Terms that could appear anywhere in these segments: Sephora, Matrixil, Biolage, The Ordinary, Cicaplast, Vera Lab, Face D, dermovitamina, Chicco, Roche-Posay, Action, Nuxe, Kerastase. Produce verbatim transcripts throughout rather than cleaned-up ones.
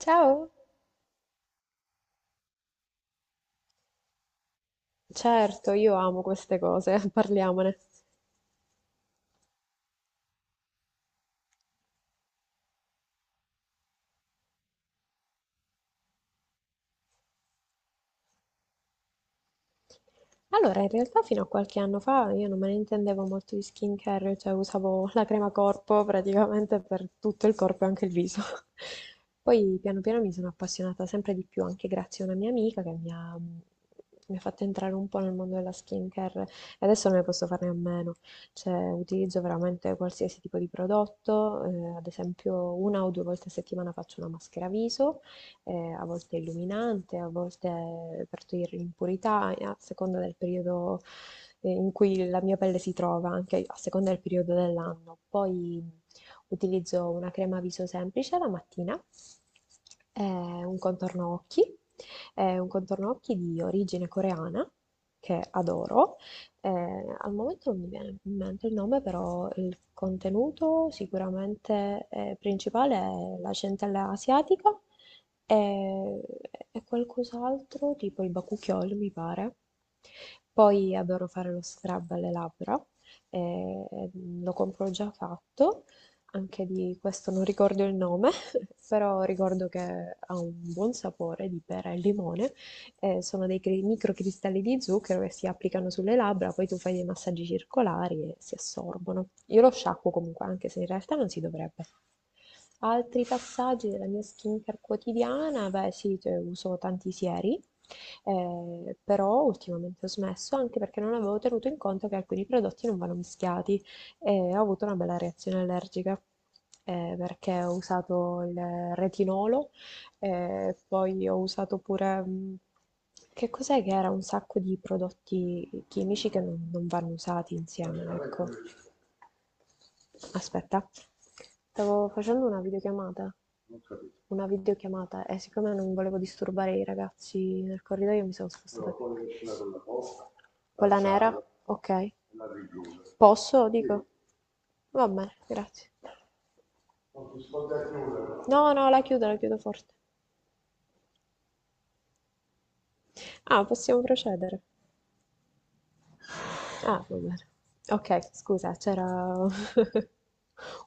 Ciao. Certo, io amo queste cose, parliamone. Allora, in realtà fino a qualche anno fa io non me ne intendevo molto di skincare, cioè usavo la crema corpo praticamente per tutto il corpo e anche il viso. Poi piano piano mi sono appassionata sempre di più, anche grazie a una mia amica che mi ha, mi ha fatto entrare un po' nel mondo della skincare e adesso non ne posso farne a meno. Cioè, utilizzo veramente qualsiasi tipo di prodotto, eh, ad esempio una o due volte a settimana faccio una maschera viso eh, a volte illuminante, a volte per togliere l'impurità, eh, a seconda del periodo eh, in cui la mia pelle si trova, anche a seconda del periodo dell'anno. Poi utilizzo una crema viso semplice la mattina, eh, un contorno occhi, eh, un contorno occhi di origine coreana che adoro. Eh, al momento non mi viene in mente il nome, però il contenuto sicuramente eh, principale è la centella asiatica e e qualcos'altro, tipo il bakuchiol, mi pare. Poi adoro fare lo scrub alle labbra, e lo compro già fatto, anche di questo non ricordo il nome, però ricordo che ha un buon sapore di pera e limone. Eh, sono dei cri- microcristalli di zucchero che si applicano sulle labbra, poi tu fai dei massaggi circolari e si assorbono. Io lo sciacquo comunque, anche se in realtà non si dovrebbe. Altri passaggi della mia skincare quotidiana, beh sì, cioè, uso tanti sieri, eh, però ultimamente ho smesso anche perché non avevo tenuto in conto che alcuni prodotti non vanno mischiati e ho avuto una bella reazione allergica eh, perché ho usato il retinolo e poi ho usato pure, mh, che cos'è che era? Un sacco di prodotti chimici che non, non vanno usati insieme, ecco. Aspetta, stavo facendo una videochiamata. Una videochiamata e siccome non volevo disturbare i ragazzi nel corridoio mi sono spostata con la nera, ok. Posso? Dico. Va bene, grazie. No, no, la chiudo, la chiudo forte. Ah, possiamo procedere. Ah, va bene. Ok, scusa, c'era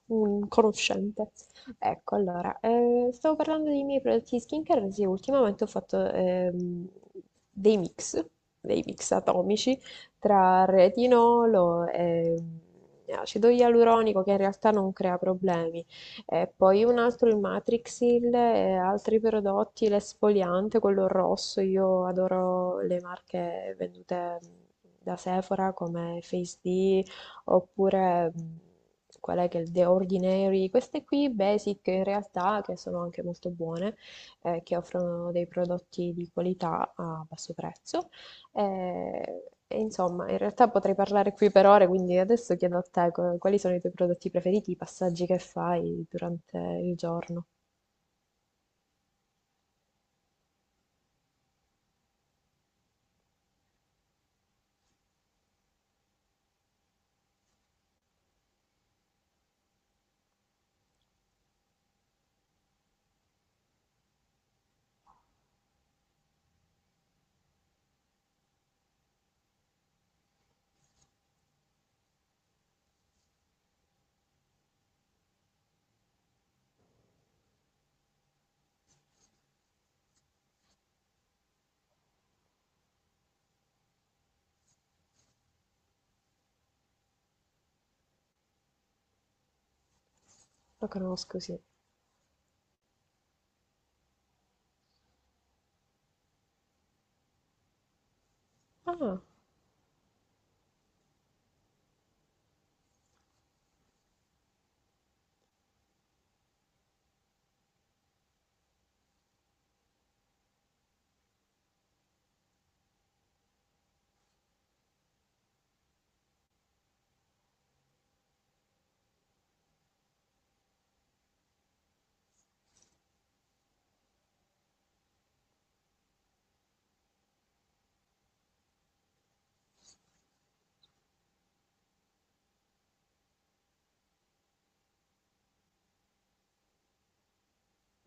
un conoscente. Ecco, allora, eh, stavo parlando dei miei prodotti di skincare, sì, ultimamente ho fatto ehm, dei mix, dei mix atomici tra retinolo e ehm, acido ialuronico, che in realtà non crea problemi. E poi un altro il Matrixil e altri prodotti, l'esfoliante, quello rosso, io adoro le marche vendute mh, da Sephora come Face D oppure mh, qual è che è il The Ordinary, queste qui basic in realtà che sono anche molto buone, eh, che offrono dei prodotti di qualità a basso prezzo. Eh, E, insomma, in realtà potrei parlare qui per ore, quindi adesso chiedo a te co- quali sono i tuoi prodotti preferiti, i passaggi che fai durante il giorno. Lo conosco, sì. Ah,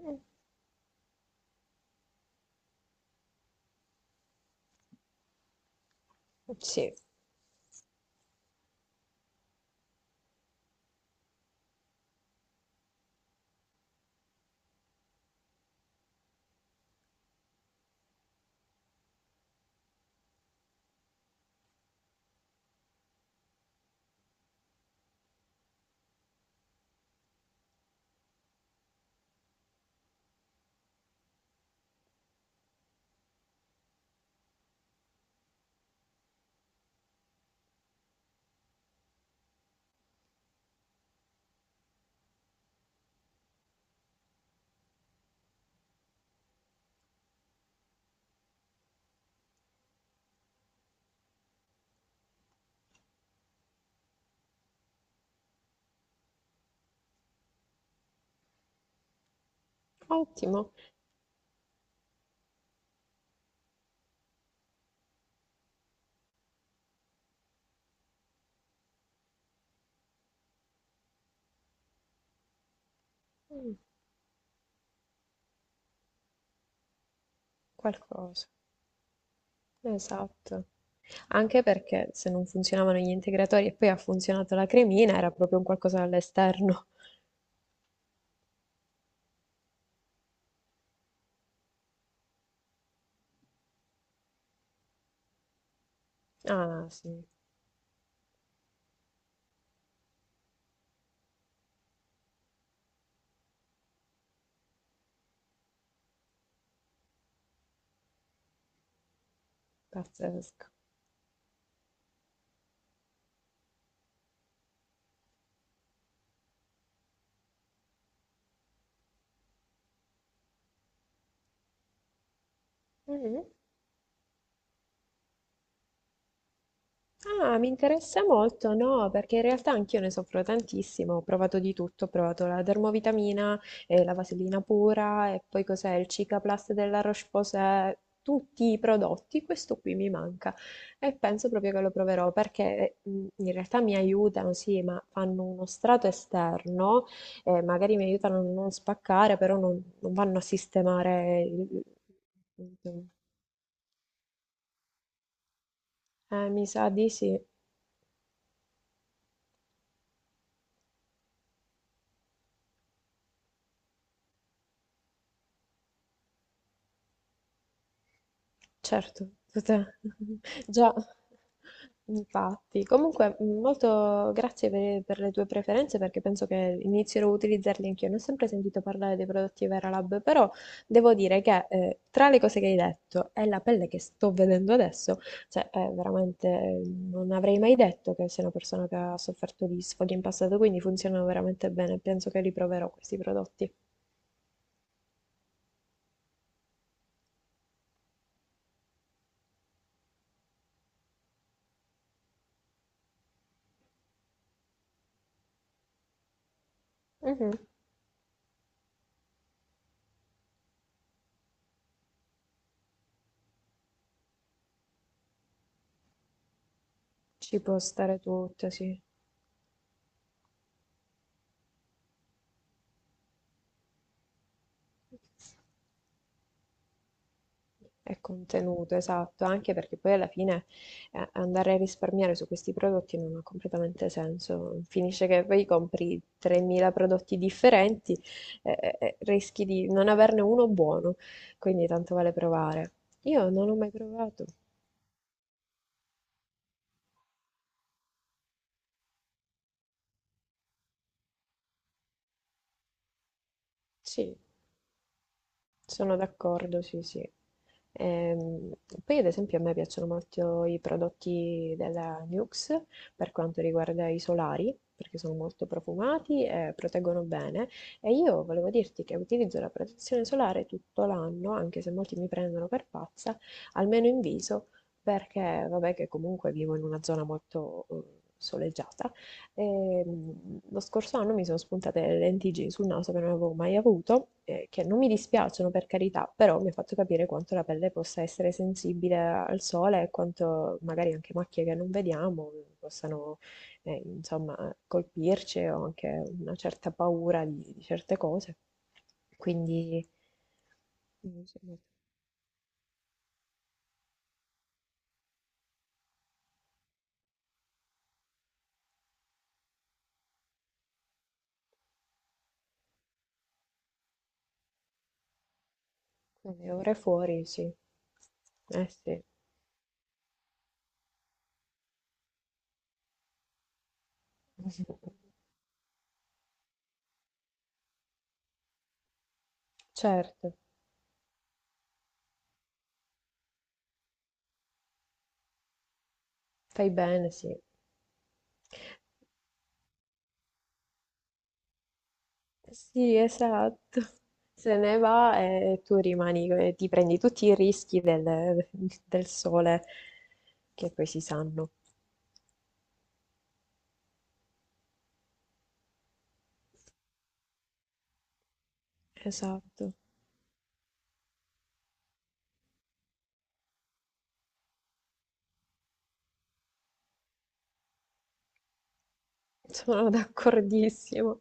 mm, sì, ottimo. Mm, qualcosa. Esatto. Anche perché se non funzionavano gli integratori e poi ha funzionato la cremina, era proprio un qualcosa all'esterno. Ah, sì, pazzesco. Mhm. Ah, mi interessa molto, no, perché in realtà anch'io ne soffro tantissimo, ho provato di tutto, ho provato la dermovitamina, eh, la vasellina pura e poi cos'è il Cicaplast della Roche-Posay, tutti i prodotti, questo qui mi manca e penso proprio che lo proverò perché mh, in realtà mi aiutano, sì, ma fanno uno strato esterno, eh, magari mi aiutano a non spaccare, però non, non vanno a sistemare il. Il- il- Eh, mi sa di sì. Certo, tutta- già, infatti. Comunque, mh, molto grazie per, per le tue preferenze perché penso che inizierò a utilizzarli anch'io. Non ho sempre sentito parlare dei prodotti Vera Lab, però devo dire che eh, tra le cose che hai detto e la pelle che sto vedendo adesso, cioè è veramente eh, non avrei mai detto che sei una persona che ha sofferto di sfoghi in passato, quindi funzionano veramente bene. Penso che li proverò questi prodotti. Mhm. Ci può stare tutto, sì. È contenuto, esatto, anche perché poi alla fine eh, andare a risparmiare su questi prodotti non ha completamente senso. Finisce che poi compri tremila prodotti differenti e, e rischi di non averne uno buono, quindi tanto vale provare. Io non ho mai provato. Sì. Sono d'accordo, sì, sì. Ehm, Poi ad esempio a me piacciono molto i prodotti della Nuxe per quanto riguarda i solari, perché sono molto profumati e proteggono bene. E io volevo dirti che utilizzo la protezione solare tutto l'anno, anche se molti mi prendono per pazza, almeno in viso, perché vabbè che comunque vivo in una zona molto eh, soleggiata. E, mh, lo scorso anno mi sono spuntate le lentiggini sul naso che non avevo mai avuto, eh, che non mi dispiacciono per carità, però mi ha fatto capire quanto la pelle possa essere sensibile al sole e quanto magari anche macchie che non vediamo possano, eh, insomma, colpirci o anche una certa paura di, di certe cose. Quindi, insomma, le ore fuori, sì. Eh sì, certo, fai bene, sì. Sì, esatto. Se ne va e tu rimani, eh, ti prendi tutti i rischi del, del sole che poi si sanno. Esatto, sono d'accordissimo.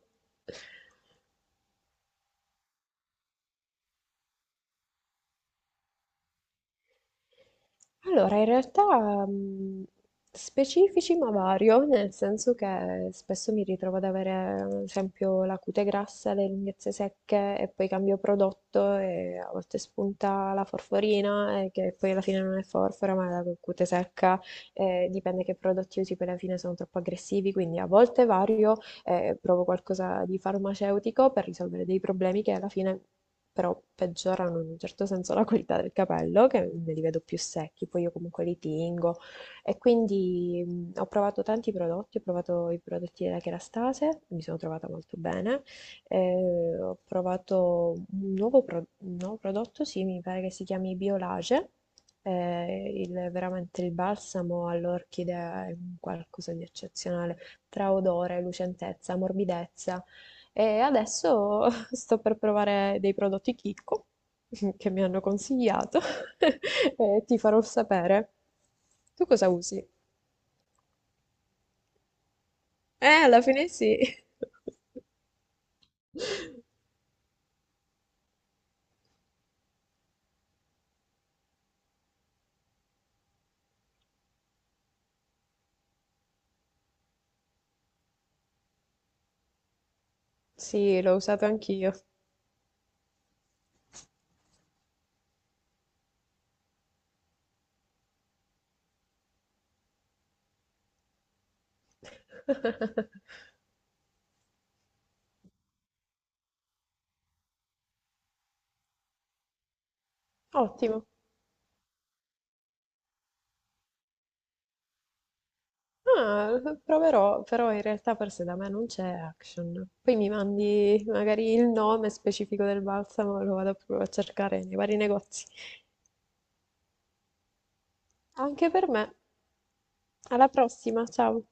Allora, in realtà mh, specifici ma vario, nel senso che spesso mi ritrovo ad avere, ad esempio, la cute grassa, le lunghezze secche e poi cambio prodotto e a volte spunta la forforina e che poi alla fine non è forfora ma è la cute secca, eh, dipende che prodotti usi, poi alla fine sono troppo aggressivi, quindi a volte vario, e provo qualcosa di farmaceutico per risolvere dei problemi che alla fine però peggiorano in un certo senso la qualità del capello, che me li vedo più secchi, poi io comunque li tingo. E quindi mh, ho provato tanti prodotti, ho provato i prodotti della Kerastase, mi sono trovata molto bene. Eh, ho provato un nuovo, pro- un nuovo prodotto, sì, mi pare che si chiami Biolage, eh, il- veramente il balsamo all'orchidea è un qualcosa di eccezionale tra odore, lucentezza, morbidezza. E adesso sto per provare dei prodotti Chicco che mi hanno consigliato e ti farò sapere. Tu cosa usi? Eh, alla fine sì. Sì, l'ho usato anch'io. Ottimo. Ah, proverò, però in realtà forse da me non c'è Action. Poi mi mandi magari il nome specifico del balsamo, lo vado proprio a cercare nei vari negozi. Anche per me, alla prossima, ciao!